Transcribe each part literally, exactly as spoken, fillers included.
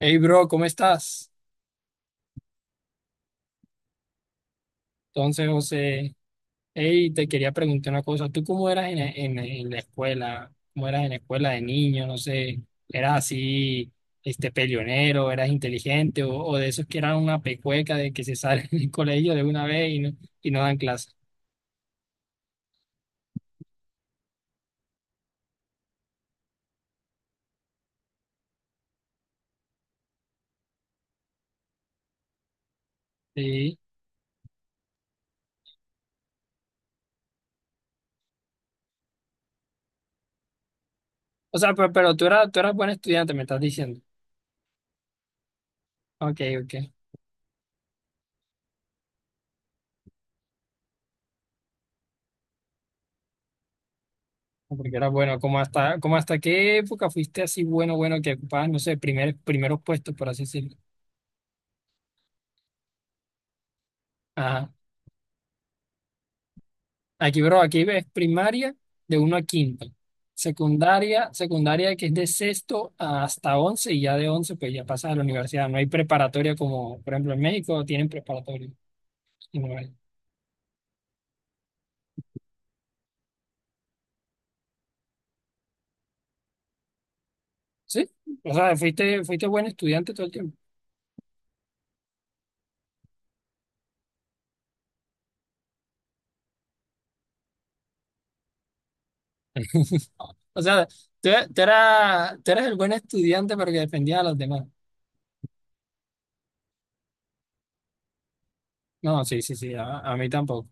Hey, bro, ¿cómo estás? Entonces, José, hey, te quería preguntar una cosa. ¿Tú cómo eras en, en- en la escuela? ¿Cómo eras en la escuela de niño? No sé, ¿eras así, este, peleonero, eras inteligente o, o de esos que eran una pecueca de que se salen del colegio de una vez y no, y no dan clase? Sí. O sea, pero, pero tú eras, tú eras buen estudiante, me estás diciendo. Ok, ok. No, porque eras bueno. ¿Cómo hasta, cómo hasta qué época fuiste así bueno, bueno, que ocupabas, no sé, primer, primeros puestos, por así decirlo? Ajá. Aquí, bro, aquí ves primaria de uno a quinto, secundaria, secundaria que es de sexto hasta once y ya de once pues ya pasas a la universidad. No hay preparatoria como, por ejemplo, en México tienen preparatoria. Y no hay. Sí, o sea, fuiste, fuiste buen estudiante todo el tiempo. O sea, tú, tú eras, tú eras el buen estudiante pero que defendía a los demás. No, sí, sí, sí, a, a mí tampoco.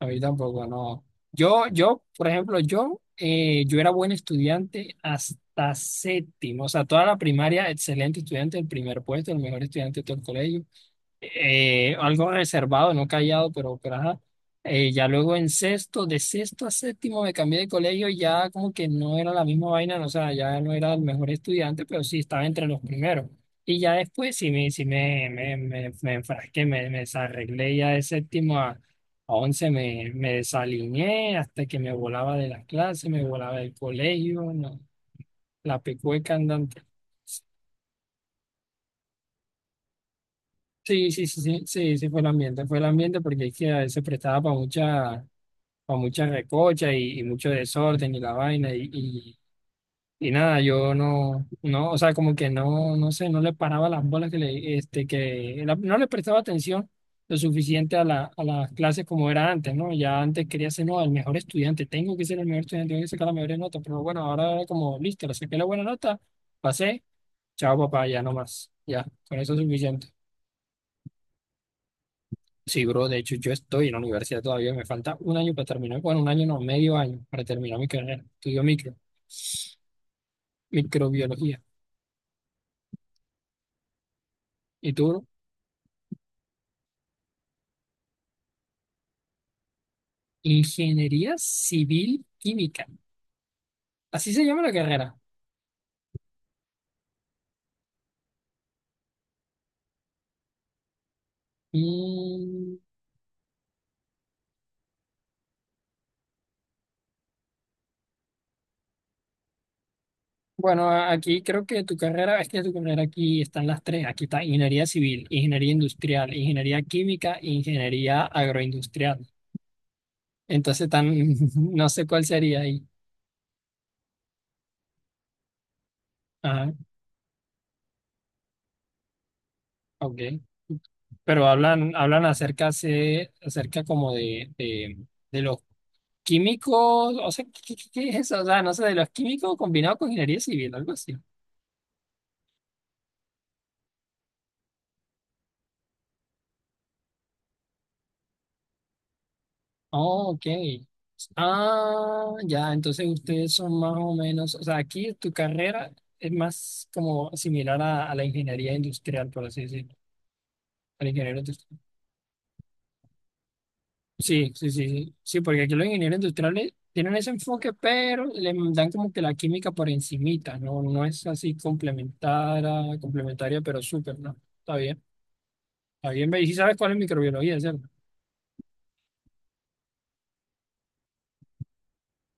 A mí tampoco, no. Yo, yo, por ejemplo, yo, eh, yo era buen estudiante hasta séptimo, o sea, toda la primaria, excelente estudiante, el primer puesto, el mejor estudiante de todo el colegio, eh, algo reservado, no callado, pero, pero ajá. Eh, ya luego en sexto, de sexto a séptimo me cambié de colegio, y ya como que no era la misma vaina, no, o sea, ya no era el mejor estudiante, pero sí estaba entre los primeros. Y ya después sí me, sí me, me, me, me enfrasqué, me, me desarreglé ya de séptimo a, a once, me, me desalineé hasta que me volaba de las clases, me volaba del colegio, no, la pecueca andante. Sí, sí, sí, sí, sí, sí fue el ambiente, fue el ambiente porque es que a prestaba para mucha, para mucha recocha y, y mucho desorden y la vaina y, y, y nada, yo no, no, o sea, como que no, no sé, no le paraba las bolas que le, este, que la- no le prestaba atención lo suficiente a la, a las clases como era antes, ¿no? Ya antes quería ser, no, el mejor estudiante, tengo que ser el mejor estudiante, tengo que sacar la mejor nota, pero bueno, ahora era como, listo, le saqué la buena nota, pasé, chao papá, ya no más, ya, con eso es suficiente. Sí, bro, de hecho yo estoy en la universidad todavía, me falta un año para terminar, bueno, un año no, medio año para terminar mi carrera. Estudio micro, microbiología. ¿Y tú, bro? Ingeniería Civil Química. Así se llama la carrera. Mm, bueno, a- aquí creo que tu carrera, es que tu carrera aquí están las tres. Aquí está Ingeniería Civil, Ingeniería Industrial, Ingeniería Química, Ingeniería Agroindustrial. Entonces, tan, no sé cuál sería ahí. Ajá, ok. Pero hablan, hablan acerca, se, acerca como de, de, de los químicos, o sea, ¿qué, qué- qué- es eso? O sea, no sé, de los químicos combinados con ingeniería civil, algo así. Oh, ok. Ah, ya, entonces ustedes son más o menos, o sea, aquí tu carrera es más como similar a, a la ingeniería industrial, por así decirlo, al ingeniero industrial. Sí, sí, sí, sí, sí, porque aquí los ingenieros industriales tienen ese enfoque, pero le dan como que la química por encimita, ¿no? No es así complementaria, complementaria, pero súper, ¿no? Está bien, está bien, ve, y sí sabes cuál es microbiología, ¿cierto?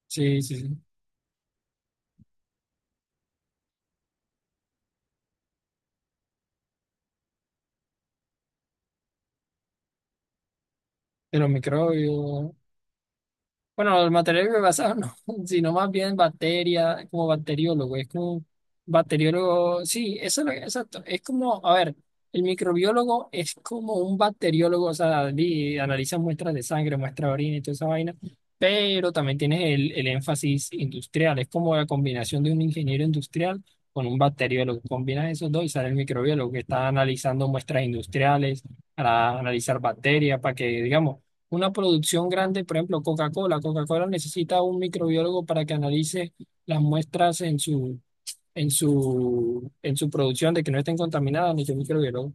Sí, sí, sí, de los microbios. Bueno, los materiales bioenvasado no, sino más bien bacteria, como bacteriólogo, es como bacteriólogo, sí, eso es lo que, exacto, es como, a ver, el microbiólogo es como un bacteriólogo, o sea, di- analiza muestras de sangre, muestras de orina y toda esa vaina, pero también tienes el, el énfasis industrial, es como la combinación de un ingeniero industrial con un bacteriólogo, combinas esos dos y sale el microbiólogo que está analizando muestras industriales para analizar bacterias, para que, digamos, una producción grande, por ejemplo, Coca-Cola. Coca-Cola necesita un microbiólogo para que analice las muestras en su, en su, en su producción de que no estén contaminadas, ni que microbiólogo.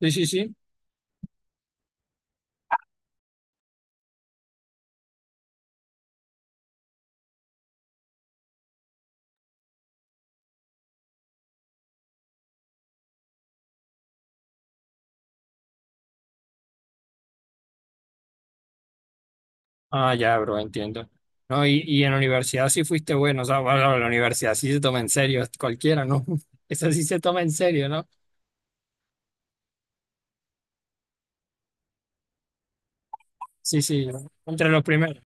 Sí, sí, sí. Ah, ya, bro, entiendo. No, y, y en la universidad sí fuiste bueno, o sea, bueno, la universidad sí se toma en serio, cualquiera, ¿no? Eso sí se toma en serio, ¿no? Sí, sí, entre los primeros.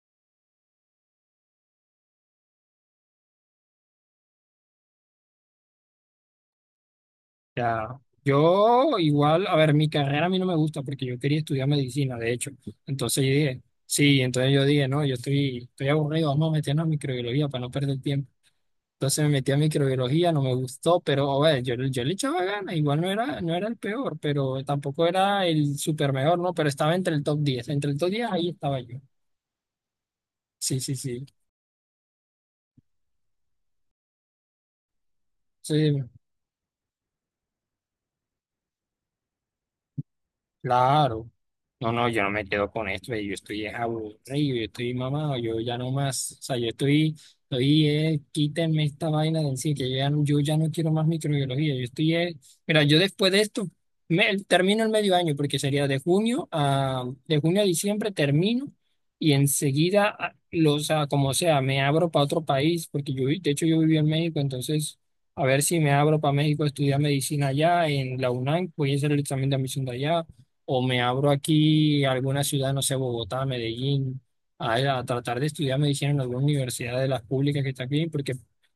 Ya, yo igual, a ver, mi carrera a mí no me gusta porque yo quería estudiar medicina, de hecho. Entonces yo dije, sí, entonces yo dije, no, yo estoy, estoy aburrido, vamos a meternos a microbiología para no perder tiempo. Entonces me metí a microbiología, no me gustó, pero a ver, yo, yo le echaba ganas, igual no era, no era el peor, pero tampoco era el super mejor, ¿no? Pero estaba entre el top diez, entre el top diez ahí estaba yo. Sí, sí, sí. Sí, claro. No, no, yo no me quedo con esto, eh, yo estoy es aburrido, yo estoy mamado, yo ya no más, o sea, yo estoy, estoy, eh, quítenme esta vaina de encima, que yo ya, no- yo ya no quiero más microbiología, yo estoy, eh, mira, yo después de esto, me, termino el medio año, porque sería de junio a, de junio a diciembre termino, y enseguida, a- lo, o sea, como sea, me abro para otro país, porque yo, vi- de hecho, yo viví en México, entonces, a ver si me abro para México a estudiar medicina allá, en la UNAM, voy a hacer el examen de admisión de allá, o me abro aquí a alguna ciudad, no sé, Bogotá, Medellín, a, a tratar de estudiar medicina en alguna universidad de las públicas que está aquí, porque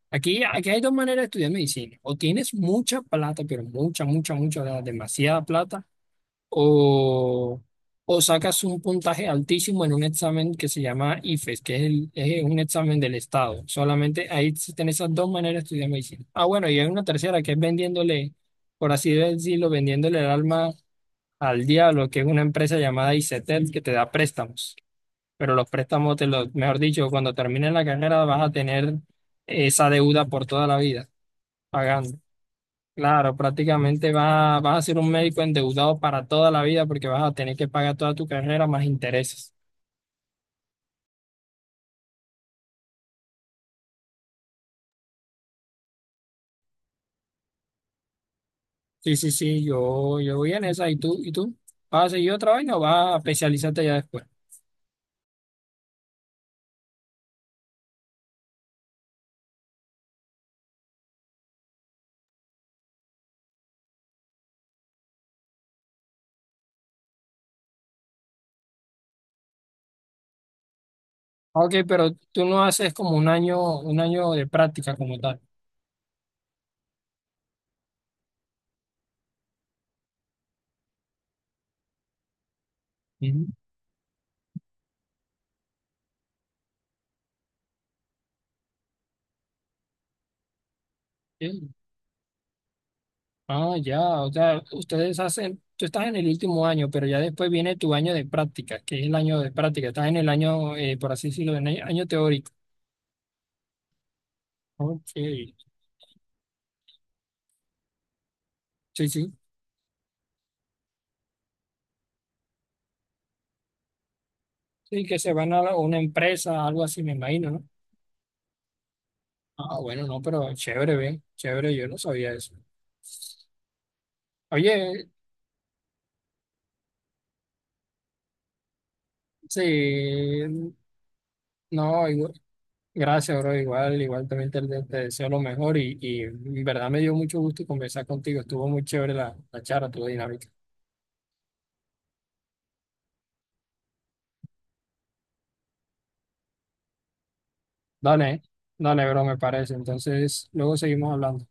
aquí, aquí hay dos maneras de estudiar medicina, o tienes mucha plata, pero mucha, mucha, mucha, o sea, demasiada plata, o, o sacas un puntaje altísimo en un examen que se llama IFES, que es, el, es un examen del Estado, solamente ahí existen esas dos maneras de estudiar medicina. Ah, bueno, y hay una tercera que es vendiéndole, por así decirlo, vendiéndole el alma al diablo, que es una empresa llamada ICETEL que te da préstamos. Pero los préstamos, te los, mejor dicho, cuando termines la carrera vas a tener esa deuda por toda la vida pagando. Claro, prácticamente vas, a- vas a ser un médico endeudado para toda la vida porque vas a tener que pagar toda tu carrera más intereses. Sí, sí, sí, yo, yo voy en esa. ¿Y tú? ¿Y tú? ¿Vas a seguir otra vez o vas a especializarte ya después? Ok, pero tú no haces como un año, un año de práctica como tal. Ujú. Ah, ya, o sea, ustedes hacen, tú estás en el último año, pero ya después viene tu año de práctica, que es el año de práctica, estás en el año, eh, por así decirlo, en el año teórico. Ok, sí, sí, sí, que se van a la- una empresa, algo así, me imagino, ¿no? Ah, bueno, no, pero chévere, ven, chévere, yo no sabía eso. Oye, sí, no, igual- gracias, bro, igual, igual también te, te deseo lo mejor y, y en verdad me dio mucho gusto conversar contigo, estuvo muy chévere la, la charla, tu dinámica. Dale, dale, bro, me parece. Entonces, luego seguimos hablando.